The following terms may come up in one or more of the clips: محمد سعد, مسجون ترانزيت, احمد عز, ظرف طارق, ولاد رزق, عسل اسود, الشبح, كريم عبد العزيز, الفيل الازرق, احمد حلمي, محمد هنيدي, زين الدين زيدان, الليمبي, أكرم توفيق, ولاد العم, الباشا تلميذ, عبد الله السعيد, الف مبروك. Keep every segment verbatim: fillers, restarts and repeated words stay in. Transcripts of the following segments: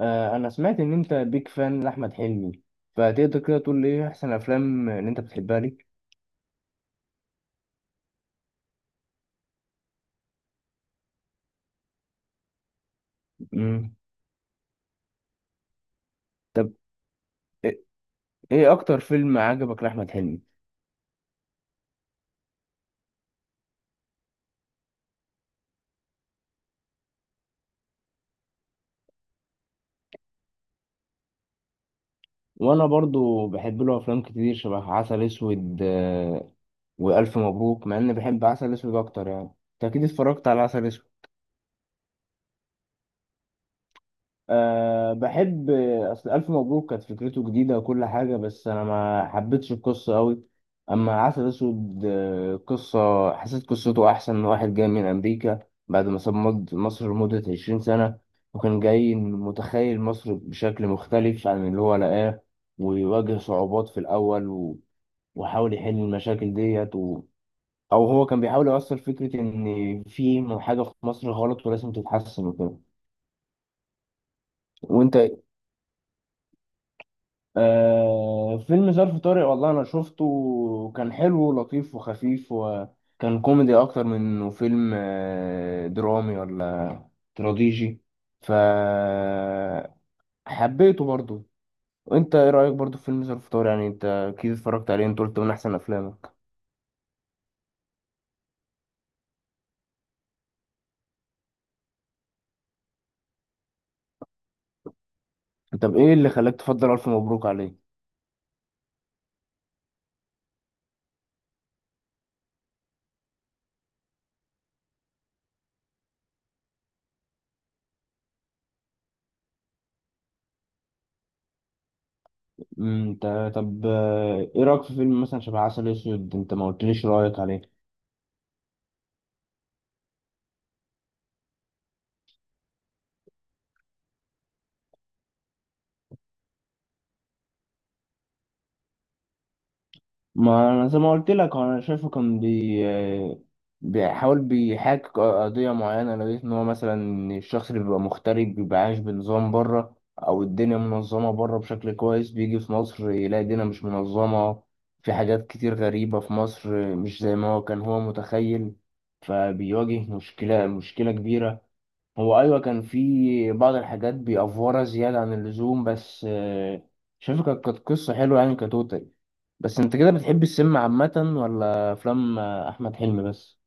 آه، انا سمعت ان انت بيك فان لاحمد حلمي، فتقدر كده تقول لي ايه احسن افلام اللي انت بتحبها لي؟ مم. طب، ايه إيه اكتر فيلم عجبك لاحمد حلمي؟ وانا برضو بحب له افلام كتير شبه عسل اسود آه، والف مبروك، مع اني بحب عسل اسود اكتر يعني. انت اكيد اتفرجت على عسل اسود. أه، بحب. اصل الف مبروك كانت فكرته جديده وكل حاجه، بس انا ما حبيتش القصه قوي. اما عسل اسود آه، قصه، حسيت قصته احسن من واحد جاي من امريكا بعد ما ساب مج- مصر لمده عشرين سنة سنه، وكان جاي متخيل مصر بشكل مختلف عن اللي هو لقاه، ويواجه صعوبات في الاول و- وحاول يحل المشاكل ديت و... او هو كان بيحاول يوصل فكره ان في حاجه في مصر غلط ولازم تتحسن وكده. وانت؟ آه، فيلم ظرف طارق والله انا شفته وكان حلو ولطيف وخفيف، وكان كوميدي اكتر من انه فيلم آه درامي ولا تراجيدي، فحبيته برضو. وانت ايه رايك برضو في فيلم ظرف طارق؟ يعني انت اكيد اتفرجت عليه، انت قلت من احسن افلامك. طب ايه اللي خلاك تفضل الف مبروك عليه؟ أمم، انت، طب، آه، ايه رايك في فيلم مثلا شبه عسل اسود؟ انت ما قلتليش رايك عليه. ما انا زي ما قلت لك انا شايفه كان بي آه، بيحاول بيحاكي قضيه معينه. لو لقيت ان هو مثلا الشخص اللي بيبقى مغترب بيبقى عايش بنظام بره، او الدنيا منظمه بره بشكل كويس، بيجي في مصر يلاقي الدنيا مش منظمه، في حاجات كتير غريبه في مصر مش زي ما هو كان هو متخيل، فبيواجه مشكله مشكله كبيره. هو ايوه كان في بعض الحاجات بيأفورها زياده عن اللزوم، بس آه، شايفه كانت كانت قصه حلوه يعني كتوتال. بس انت كده بتحب السينما عامه، ولا افلام آه، احمد حلمي بس؟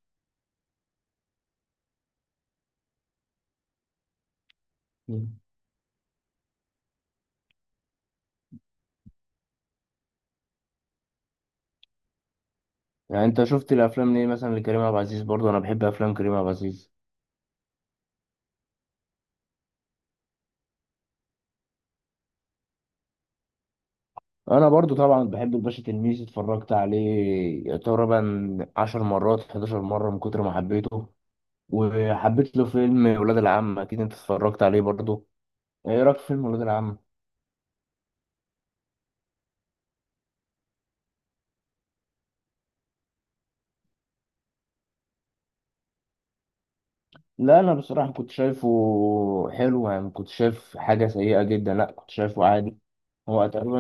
مم. يعني انت شفت الافلام ليه مثلا لكريم عبد العزيز؟ برضه انا بحب افلام كريم عبد العزيز. انا برضه طبعا بحب الباشا تلميذ، اتفرجت عليه تقريبا 10 مرات احداشر مرة مره من كتر ما حبيته. وحبيت له فيلم ولاد العم، اكيد انت اتفرجت عليه برضه. ايه رايك في فيلم ولاد العم؟ لا انا بصراحه كنت شايفه حلو يعني، ما كنت شايف حاجه سيئه جدا، لا كنت شايفه عادي. هو تقريبا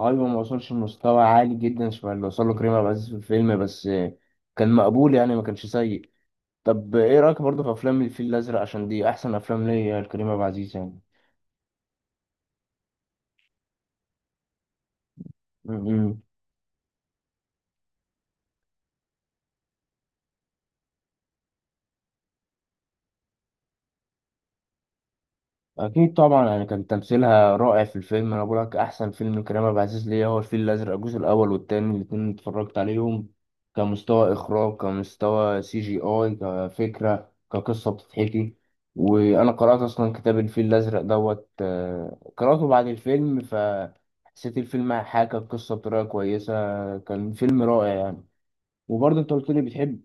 ايوه، ما وصلش لمستوى عالي جدا شبه اللي وصل له كريم عبد العزيز في الفيلم، بس كان مقبول يعني، ما كانش سيء. طب ايه رايك برضه في افلام الفيل الازرق؟ عشان دي احسن افلام ليا لكريم عبد العزيز يعني. م- م. اكيد طبعا يعني كان تمثيلها رائع في الفيلم. انا بقول لك احسن فيلم لكريم عبد العزيز ليا هو الفيل الازرق، الجزء الاول والتاني الاتنين اتفرجت عليهم، كمستوى اخراج كمستوى سي جي اي كفكره كقصه بتتحكي. وانا قرات اصلا كتاب الفيل الازرق دوت، آه، قراته بعد الفيلم فحسيت الفيلم حاكى القصه بطريقه كويسه. كان فيلم رائع يعني. وبرضه انت قلت لي بتحب.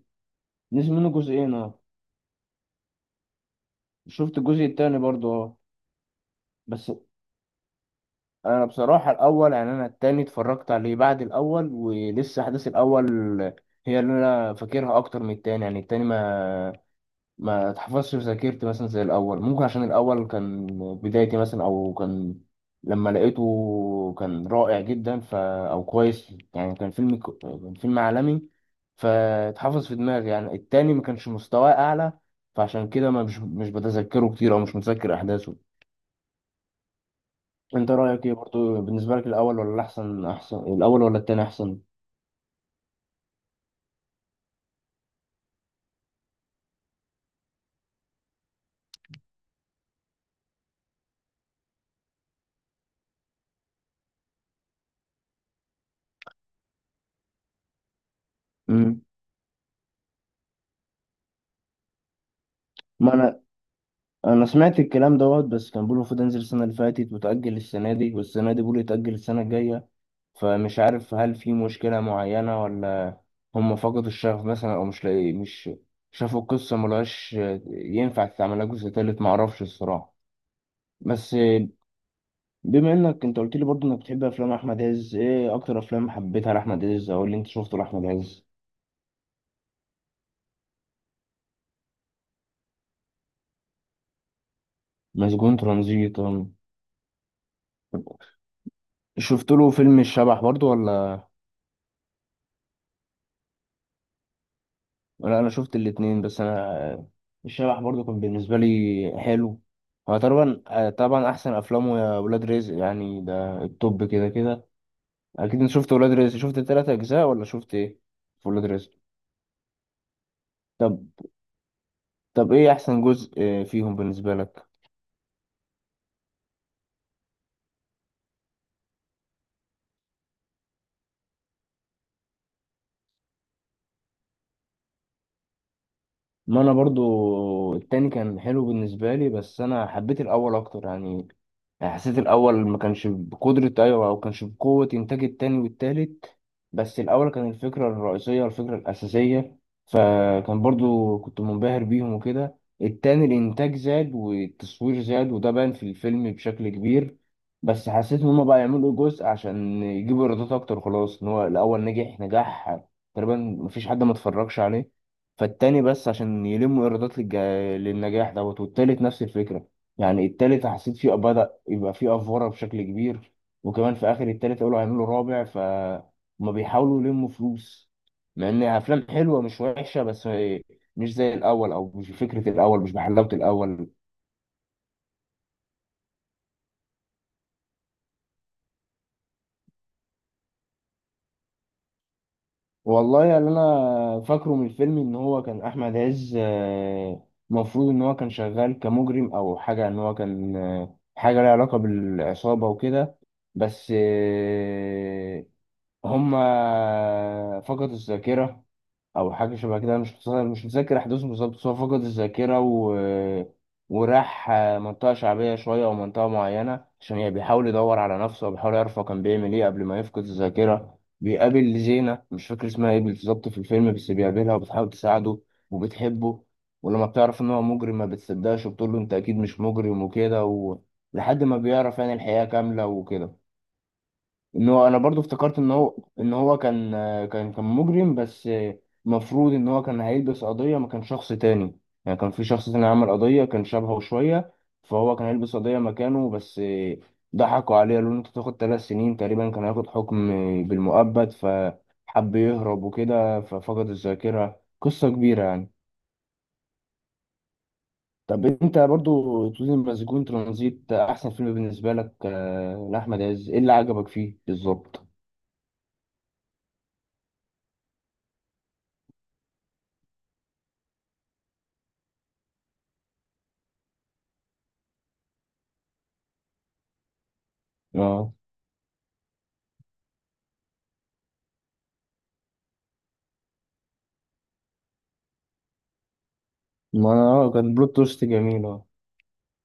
نزل منه جزئين، اه. شفت الجزء التاني برضه، اه. بس انا بصراحه الاول. يعني انا التاني اتفرجت عليه بعد الاول، ولسه احداث الاول هي اللي انا فاكرها اكتر من التاني. يعني التاني ما ما اتحفظش في ذاكرتي مثلا زي الاول. ممكن عشان الاول كان بدايتي مثلا، او كان لما لقيته كان رائع جدا، ف او كويس يعني، كان فيلم كو- كان فيلم عالمي، فاتحفظ في دماغي. يعني التاني ما كانش مستواه اعلى، فعشان كده ما مش مش بتذكره كتير، او مش متذكر احداثه. انت رايك ايه برضو بالنسبه لك، الاول ولا الاحسن احسن الاول ولا التاني احسن؟ امم ما انا انا سمعت الكلام دوت، بس كان بيقولوا المفروض انزل السنه اللي فاتت وتاجل السنه دي، والسنه دي بيقولوا يتاجل السنه الجايه. فمش عارف هل في مشكله معينه، ولا هم فقدوا الشغف مثلا، او مش لاقي مش شافوا القصه ملهاش ينفع تتعملها جزء تالت؟ معرفش الصراحه. بس بما انك انت قلت لي برضو انك بتحب افلام احمد عز، ايه اكتر افلام حبيتها لاحمد عز، او اللي انت شفته لاحمد عز؟ مسجون ترانزيت. شفت له فيلم الشبح برضو ولا؟ ولا انا شفت الاتنين. بس انا الشبح برضو كان بالنسبه لي حلو. هو طبعا، طبعا احسن افلامه يا ولاد رزق يعني، ده التوب كده كده. اكيد انت شفت ولاد رزق، شفت التلات اجزاء ولا شفت ايه في ولاد رزق؟ طب، طب ايه احسن جزء آه، فيهم بالنسبه لك؟ ما انا برضو التاني كان حلو بالنسبه لي، بس انا حبيت الاول اكتر يعني. يعني حسيت الاول ما كانش بقدرة ايوه او كانش بقوة انتاج التاني والتالت، بس الاول كان الفكرة الرئيسية الفكرة الاساسية، فكان برضو كنت منبهر بيهم وكده. التاني الانتاج زاد والتصوير زاد وده بان في الفيلم بشكل كبير، بس حسيت ان هما بقى يعملوا جزء عشان يجيبوا ايرادات اكتر. خلاص ان هو الاول نجح نجاح تقريبا مفيش حد ما اتفرجش عليه، فالتاني بس عشان يلموا ايرادات للج... للنجاح دوت، والتالت نفس الفكره. يعني التالت حسيت فيه بدأ يبقى فيه افوره بشكل كبير، وكمان في اخر التالت قالوا هيعملوا رابع، فهم بيحاولوا يلموا فلوس، مع ان افلام حلوه مش وحشه، بس مش زي الاول او مش بفكره الاول مش بحلاوه الاول. والله يعني انا فاكره من الفيلم ان هو كان احمد عز، آه، مفروض ان هو كان شغال كمجرم او حاجه، ان هو كان آه، حاجه لها علاقه بالعصابه وكده، بس آه، هما فقدوا الذاكره او حاجه شبه كده. أنا مش متذ- مش متذكر احداثه بالظبط، بس هو فقد الذاكره و... وراح منطقه شعبيه شويه او منطقه معينه، عشان يعني بيحاول يدور على نفسه وبيحاول يعرف هو كان بيعمل ايه قبل ما يفقد الذاكره. بيقابل زينه، مش فاكر اسمها ايه بالظبط في الفيلم، بس بيقابلها وبتحاول تساعده وبتحبه، ولما بتعرف ان هو مجرم ما بتصدقش وبتقول له انت اكيد مش مجرم وكده و... لحد ما بيعرف يعني الحقيقه كامله وكده. ان هو انا برضو افتكرت ان هو ان هو كان كان كان مجرم، بس المفروض ان هو كان هيلبس قضية ما كان شخص تاني. يعني كان في شخص تاني عمل قضية كان شبهه شوية، فهو كان هيلبس قضية مكانه، بس ضحكوا عليه قالوا له انت تاخد ثلاث سنين. تقريبا كان هياخد حكم بالمؤبد، فحب يهرب وكده ففقد الذاكرة. قصة كبيرة يعني. طب انت برضو تقولي مسجون ترانزيت احسن فيلم بالنسبة لك آه، لأحمد عز، ايه اللي عجبك فيه بالظبط؟ اه، ما انا اه كان بلوت توست جميل، اه.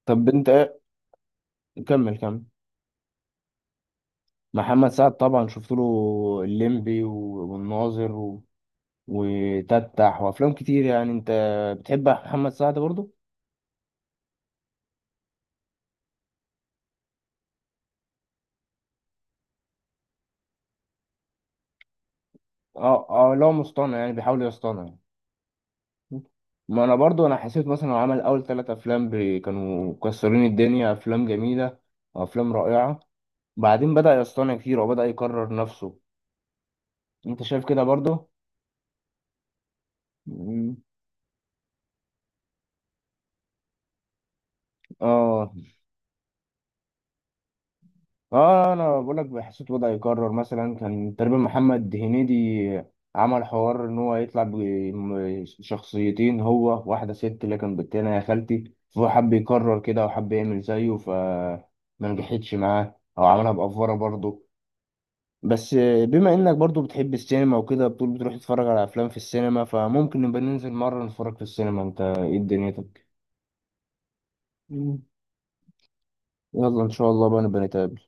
طب انت ايه. كمل، كمل. محمد سعد طبعا شفت له الليمبي و- والناظر و... وتتح وافلام كتير يعني. انت بتحب محمد سعد برضو؟ اه، اه، لا مصطنع يعني بيحاول يصطنع يعني. ما انا برضو انا حسيت مثلا هو عمل اول ثلاث افلام ب... كانوا مكسرين الدنيا، افلام جميله وافلام رائعه، بعدين بدا يصطنع كتير وبدا يكرر نفسه. انت شايف كده برضو؟ مم. اه، اه، انا بقول لك حسيت وضعي يكرر مثلا، كان تقريبا محمد هنيدي عمل حوار ان هو يطلع بشخصيتين هو، واحده ست اللي كان بالتانية يا خالتي، فهو حب يكرر كده وحب يعمل زيه فما نجحتش معاه او عملها بأفورة برضه. بس بما انك برضه بتحب السينما وكده، بتقول بتروح تتفرج على افلام في السينما، فممكن نبقى ننزل مره نتفرج في السينما. انت ايه دنيتك؟ مم. يلا ان شاء الله بقى نبقى نتقابل.